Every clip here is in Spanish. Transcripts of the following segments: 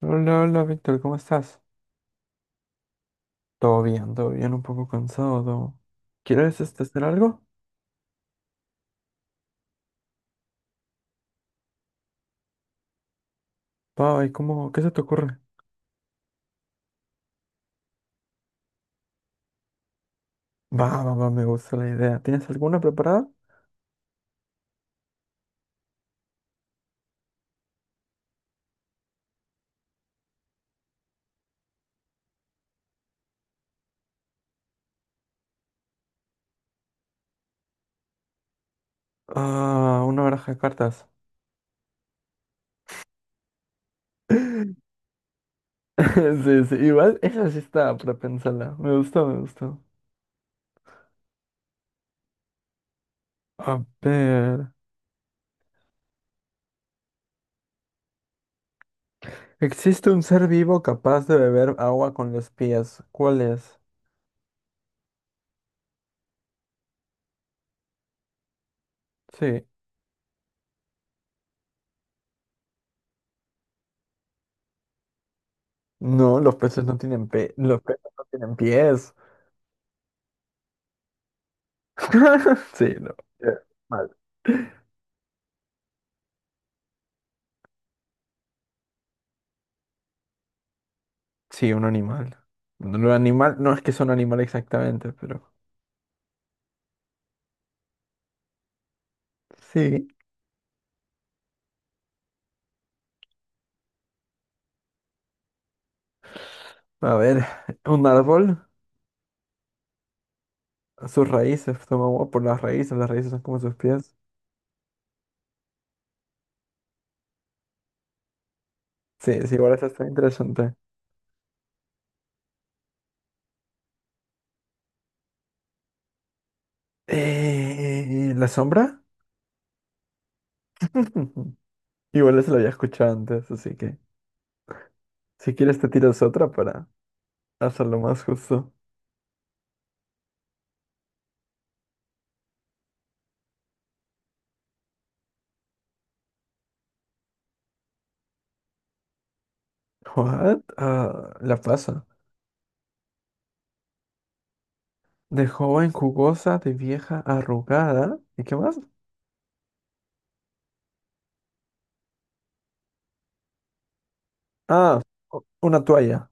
Hola, hola, Víctor, ¿cómo estás? Todo bien, un poco cansado. Todo. ¿Quieres hacer algo? Va, ¿y cómo? ¿Qué se te ocurre? Va, va, va, me gusta la idea. ¿Tienes alguna preparada? Ah, una baraja de cartas. Sí, sí, igual esa sí está para pensarla. Me gustó, me gustó. A ver. ¿Existe un ser vivo capaz de beber agua con los pies? ¿Cuál es? Sí. No, los peces no tienen los peces no tienen pies. Sí, no. Eh, Mal. Sí, un animal. Lo animal, no es que son animal exactamente, pero sí. A ver, un árbol, sus raíces, toma agua por las raíces son como sus pies. Sí, sí, igual eso está interesante. ¿La sombra? Igual eso lo había escuchado antes, así que si quieres te tiras otra para hacerlo más justo. ¿What? Ah, la pasa. De joven jugosa, de vieja arrugada. ¿Y qué más? Ah, una toalla.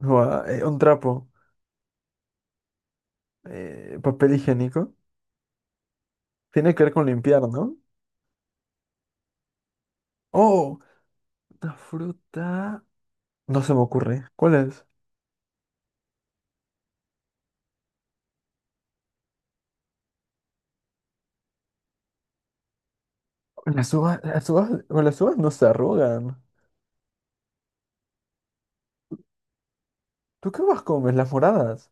Un trapo. Papel higiénico. Tiene que ver con limpiar, ¿no? Oh, una fruta. No se me ocurre. ¿Cuál es? Las uvas, con las uvas no se arrugan. ¿Tú qué uvas comes? Las moradas.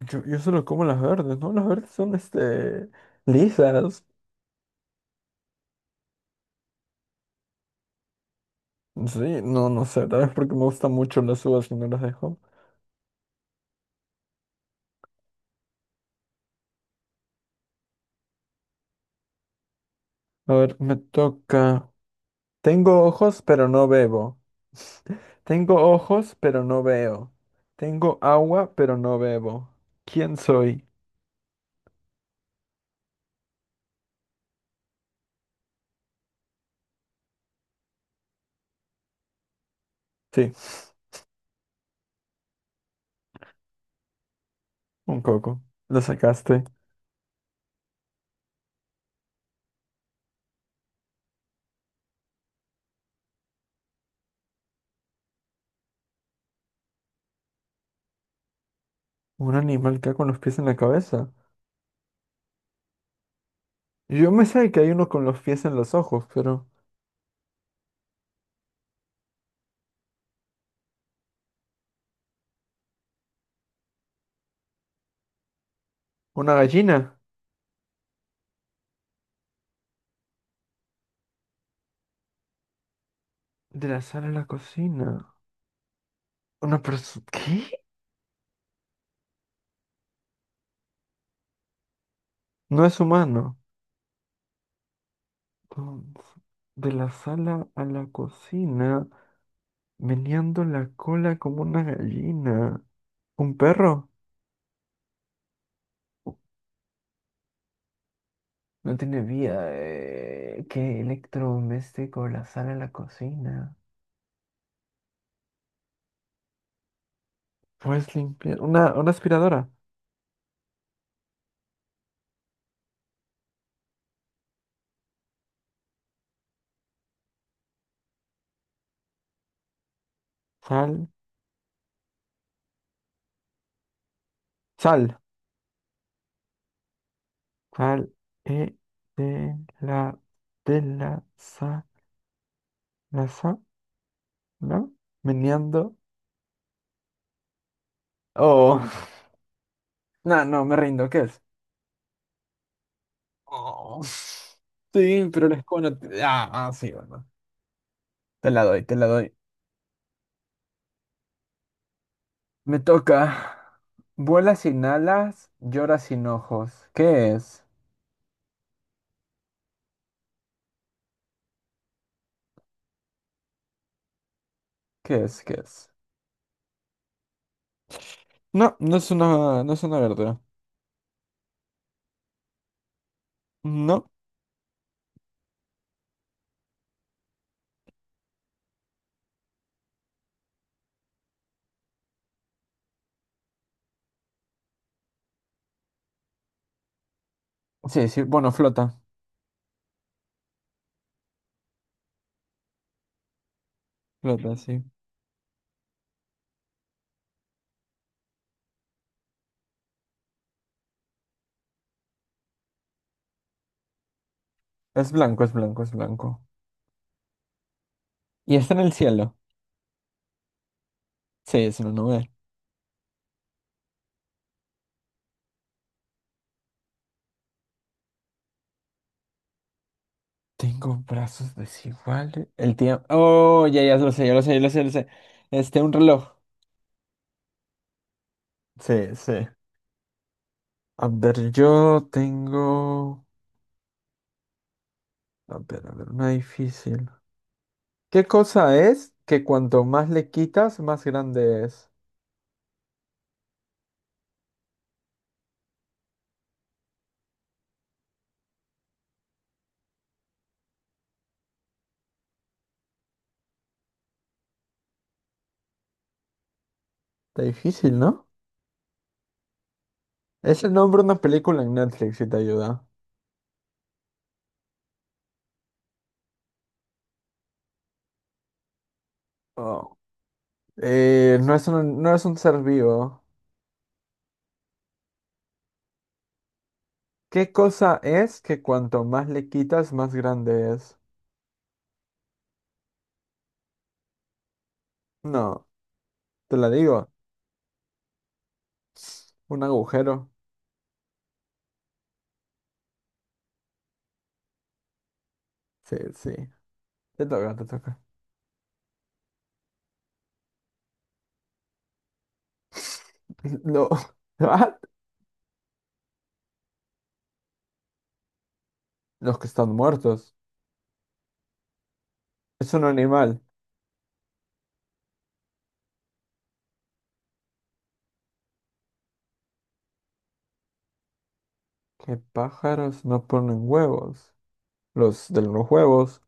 Yo solo como las verdes, ¿no? Las verdes son, lisas. Sí, no, no sé, tal vez porque me gustan mucho las uvas y no las dejo. A ver, me toca. Tengo ojos, pero no bebo. Tengo ojos, pero no veo. Tengo agua, pero no bebo. ¿Quién soy? Sí, un coco. Lo sacaste. Un animal que va con los pies en la cabeza. Yo me sé que hay uno con los pies en los ojos, pero... Una gallina. De la sala a la cocina. Una persona... ¿Qué? No es humano. Entonces, de la sala a la cocina. Meneando la cola como una gallina. ¿Un perro? No tiene vida. ¿Qué electrodoméstico? La sala a la cocina. Puedes limpiar. Una aspiradora. Sal. Sal. ¿Cuál es de la de la sa no? Meneando. Oh, no, no, me rindo, ¿qué es? Oh, sí, pero la escoba no te- Ah, ah, sí, bueno. Te la doy, te la doy. Me toca. Vuela sin alas, llora sin ojos. ¿Qué es? ¿Qué es? ¿Qué es? No, no es una, no es una verdura. No, sí, sí, bueno, flota. Flota, sí. Es blanco, es blanco, es blanco. Y está en el cielo. Sí, es una nube. Tengo brazos desiguales. El tiempo. Oh, ya, ya lo sé, ya lo sé, ya lo sé, ya lo sé. Un reloj. Sí, sí. A ver, yo tengo. A ver, una difícil. ¿Qué cosa es que cuanto más le quitas, más grande es? Está difícil, ¿no? Es el nombre de una película en Netflix si te ayuda. Oh. No es un, no es un ser vivo. ¿Qué cosa es que cuanto más le quitas, más grande es? No, te la digo. Un agujero. Sí, sí. Te toca, te toca. No. ¿What? Los que están muertos. Es un animal. ¿Qué pájaros no ponen huevos? Los de los huevos.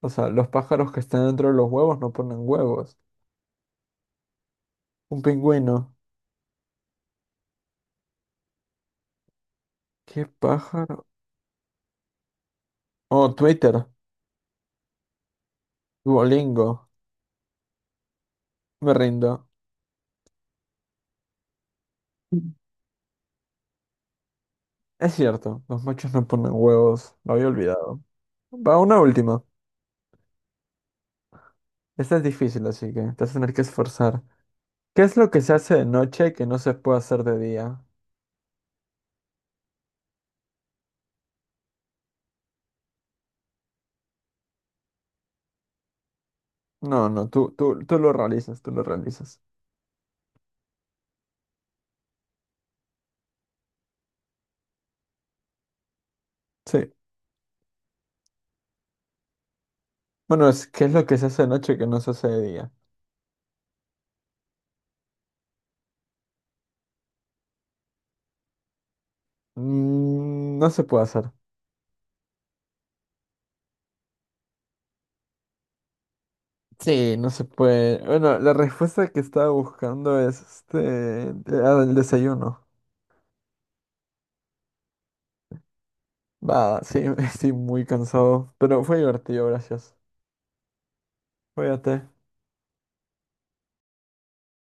O sea, los pájaros que están dentro de los huevos no ponen huevos. Un pingüino. ¿Qué pájaro? Oh, Twitter. Duolingo. Me rindo. Es cierto, los machos no ponen huevos. Lo había olvidado. Va, una última. Esta es difícil, así que te vas a tener que esforzar. ¿Qué es lo que se hace de noche que no se puede hacer de día? No, no, tú lo realizas, tú lo realizas. Sí. Bueno, es que es lo que se hace de noche que no se hace de día. No se puede hacer. Sí, no se puede. Bueno, la respuesta que estaba buscando es ah, el desayuno. Va, sí, estoy muy cansado, pero fue divertido, gracias. Cuídate.